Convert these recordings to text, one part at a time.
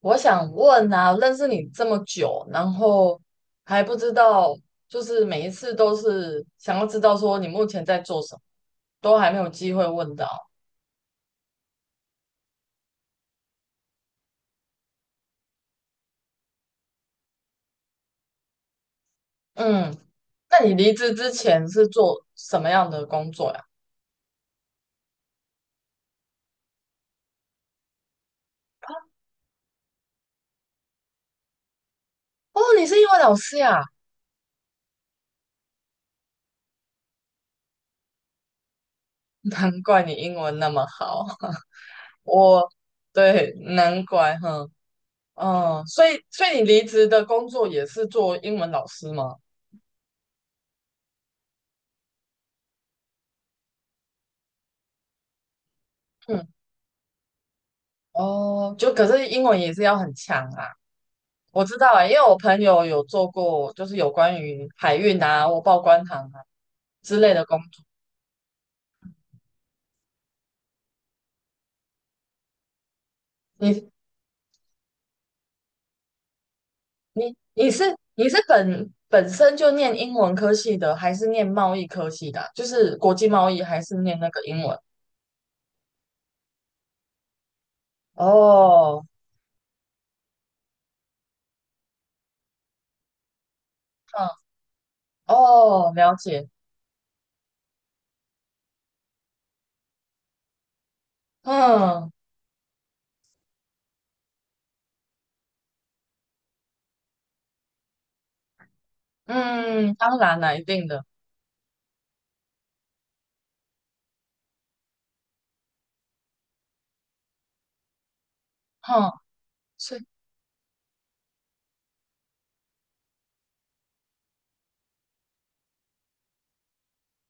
我想问啊，认识你这么久，然后还不知道，就是每一次都是想要知道说你目前在做什么，都还没有机会问到。嗯，那你离职之前是做什么样的工作呀？哦，你是英文老师呀，难怪你英文那么好。我，对，难怪，哼，嗯，所以，你离职的工作也是做英文老师吗？嗯，哦，就可是英文也是要很强啊。我知道啊，因为我朋友有做过，就是有关于海运啊、或报关行啊之类的工作。你、你是你本身就念英文科系的，还是念贸易科系的啊就是国际贸易，还是念那个英文？哦，嗯，哦，了解，嗯嗯，当然啦，一定的，哼、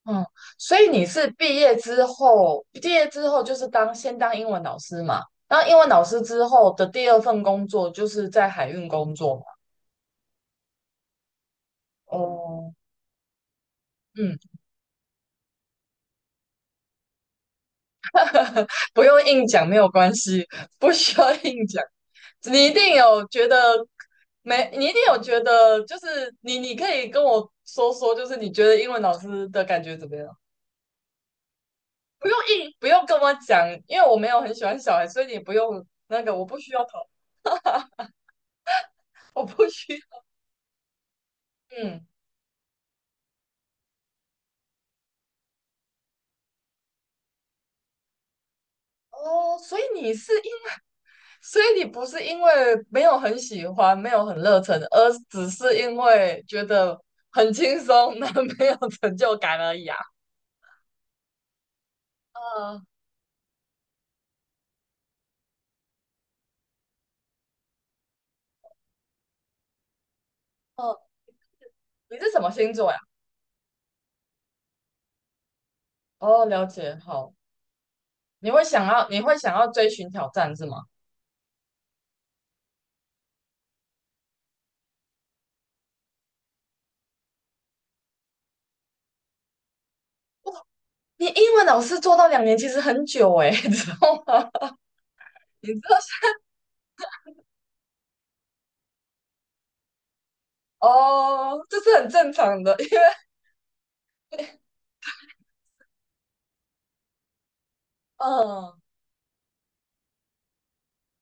嗯，所以你是毕业之后，毕业之后就是当先当英文老师嘛，然后英文老师之后的第二份工作就是在海运工作嘛。哦，嗯，不用硬讲，没有关系，不需要硬讲。你一定有觉得没，你一定有觉得，就是你可以跟我说说，就是你觉得英文老师的感觉怎么样？不用硬，不用跟我讲，因为我没有很喜欢小孩，所以你不用那个，我不需要讨，我不需要嗯。哦，所以你是因，所以你不是因为没有很喜欢，没有很热忱，而只是因为觉得很轻松，那 没有成就感而已啊。嗯，哦，你是什么星座呀？哦，了解，好，你会想要，你会想要追寻挑战是吗？你英文老师做到两年其实很久诶，你知道吗？你知道哦，这是很正常的，因为嗯，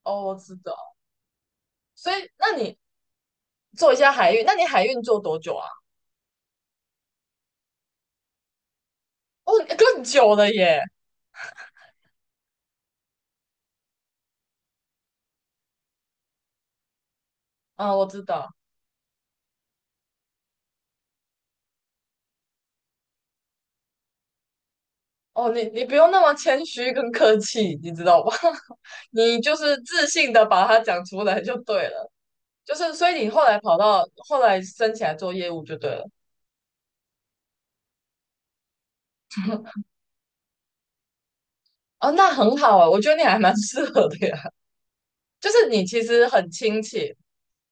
哦，我知道，所以那你做一下海运，那你海运做多久啊？哦，更久了耶。啊，我知道。哦，你不用那么谦虚跟客气，你知道吧？你就是自信的把它讲出来就对了。就是，所以你后来跑到后来升起来做业务就对了。哦，那很好啊，我觉得你还蛮适合的呀。就是你其实很亲切，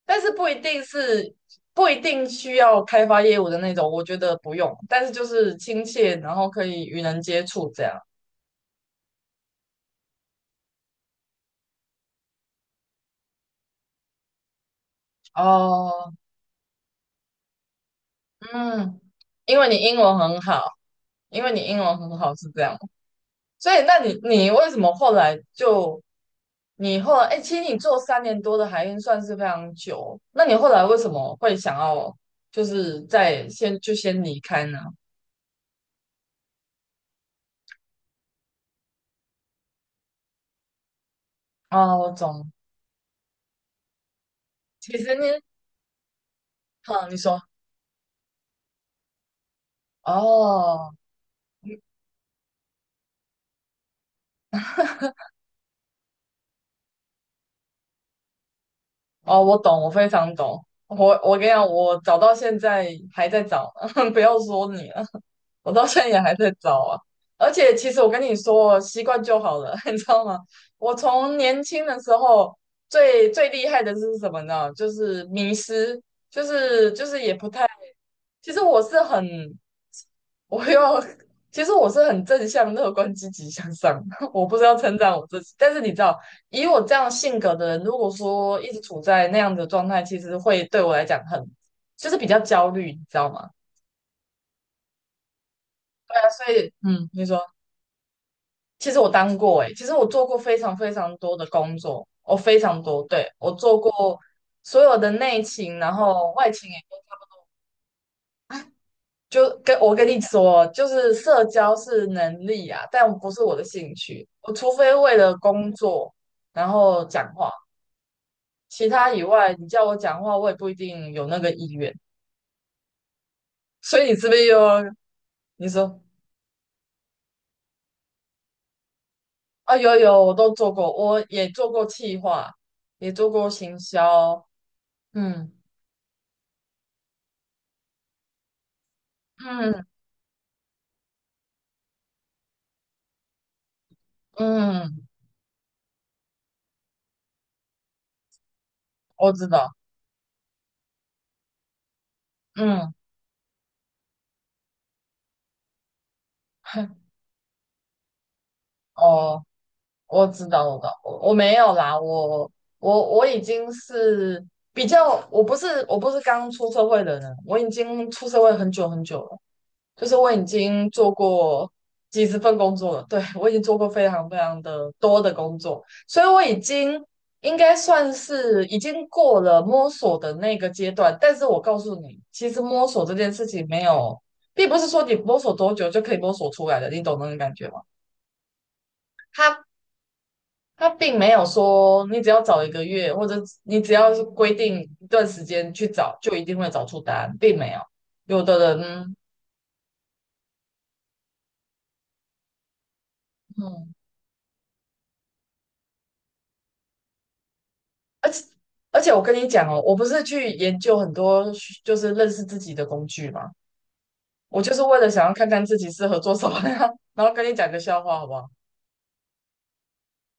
但是不一定是不一定需要开发业务的那种，我觉得不用。但是就是亲切，然后可以与人接触这样。哦，嗯，因为你英文很好，因为你英文很好是这样。所以，那你为什么后来就你后来哎、其实你做三年多的海运算是非常久，那你后来为什么会想要就是在先就先离开呢？哦，我懂。其实你，嗯，你说，哦哦，我懂，我非常懂。我跟你讲，我找到现在还在找，不要说你，我到现在也还在找啊。而且其实我跟你说，习惯就好了，你知道吗？我从年轻的时候最最厉害的是什么呢？就是迷失，就是也不太。其实我是很，我要，其实我是很正向、乐观、积极向上。我不知道称赞我自己，但是你知道，以我这样性格的人，如果说一直处在那样的状态，其实会对我来讲很，就是比较焦虑，你知道吗？对啊，所以嗯，你说。其实我当过诶、其实我做过非常非常多的工作，我非常多，对，我做过所有的内勤，然后外勤也就跟我跟你说哦，就是社交是能力啊，但不是我的兴趣。我除非为了工作然后讲话，其他以外，你叫我讲话，我也不一定有那个意愿。所以你是不是又你说啊？有有，我都做过，我也做过企划，也做过行销，嗯嗯嗯。我知道，嗯，哦，我知道，我知道，我没有啦，我已经是比较，我不是刚出社会的人，我已经出社会很久很久了，就是我已经做过几十份工作了，对，我已经做过非常非常的多的工作，所以我已经应该算是已经过了摸索的那个阶段，但是我告诉你，其实摸索这件事情没有，并不是说你摸索多久就可以摸索出来的，你懂那种感觉吗？他他并没有说你只要找一个月，或者你只要是规定一段时间去找，就一定会找出答案，并没有。有的人，嗯，而且我跟你讲哦，我不是去研究很多就是认识自己的工具嘛，我就是为了想要看看自己适合做什么呀，然后跟你讲个笑话好不好？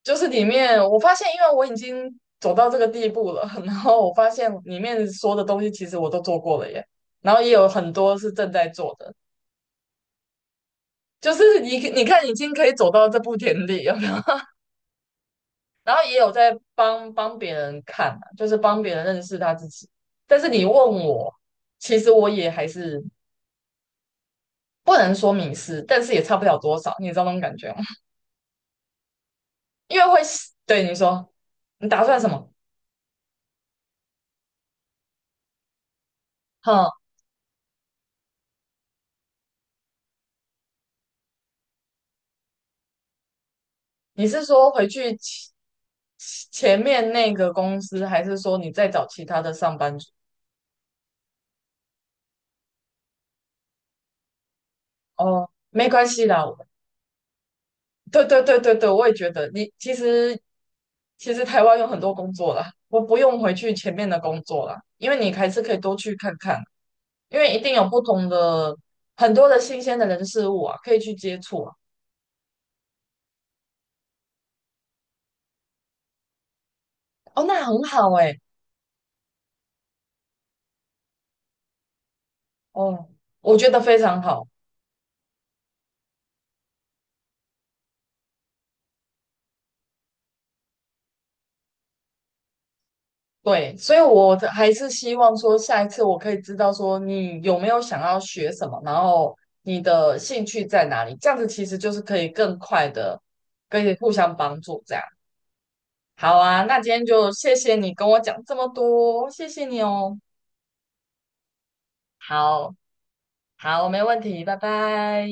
就是里面我发现，因为我已经走到这个地步了，然后我发现里面说的东西其实我都做过了耶，然后也有很多是正在做的。就是你你看已经可以走到这步田地，有没有？然后也有在帮别人看啊就是帮别人认识他自己。但是你问我，其实我也还是不能说迷失，但是也差不了多少，你知道那种感觉吗？因为会对你说，你打算什么？哼，你是说回去前面那个公司，还是说你再找其他的上班族？哦，没关系啦，对对对对对，我也觉得你其实台湾有很多工作啦，我不用回去前面的工作啦，因为你还是可以多去看看，因为一定有不同的很多的新鲜的人事物啊，可以去接触啊。哦，那很好哎，哦，我觉得非常好。对，所以我的还是希望说，下一次我可以知道说你有没有想要学什么，然后你的兴趣在哪里，这样子其实就是可以更快的可以互相帮助这样。好啊，那今天就谢谢你跟我讲这么多，谢谢你哦。好，好，没问题，拜拜。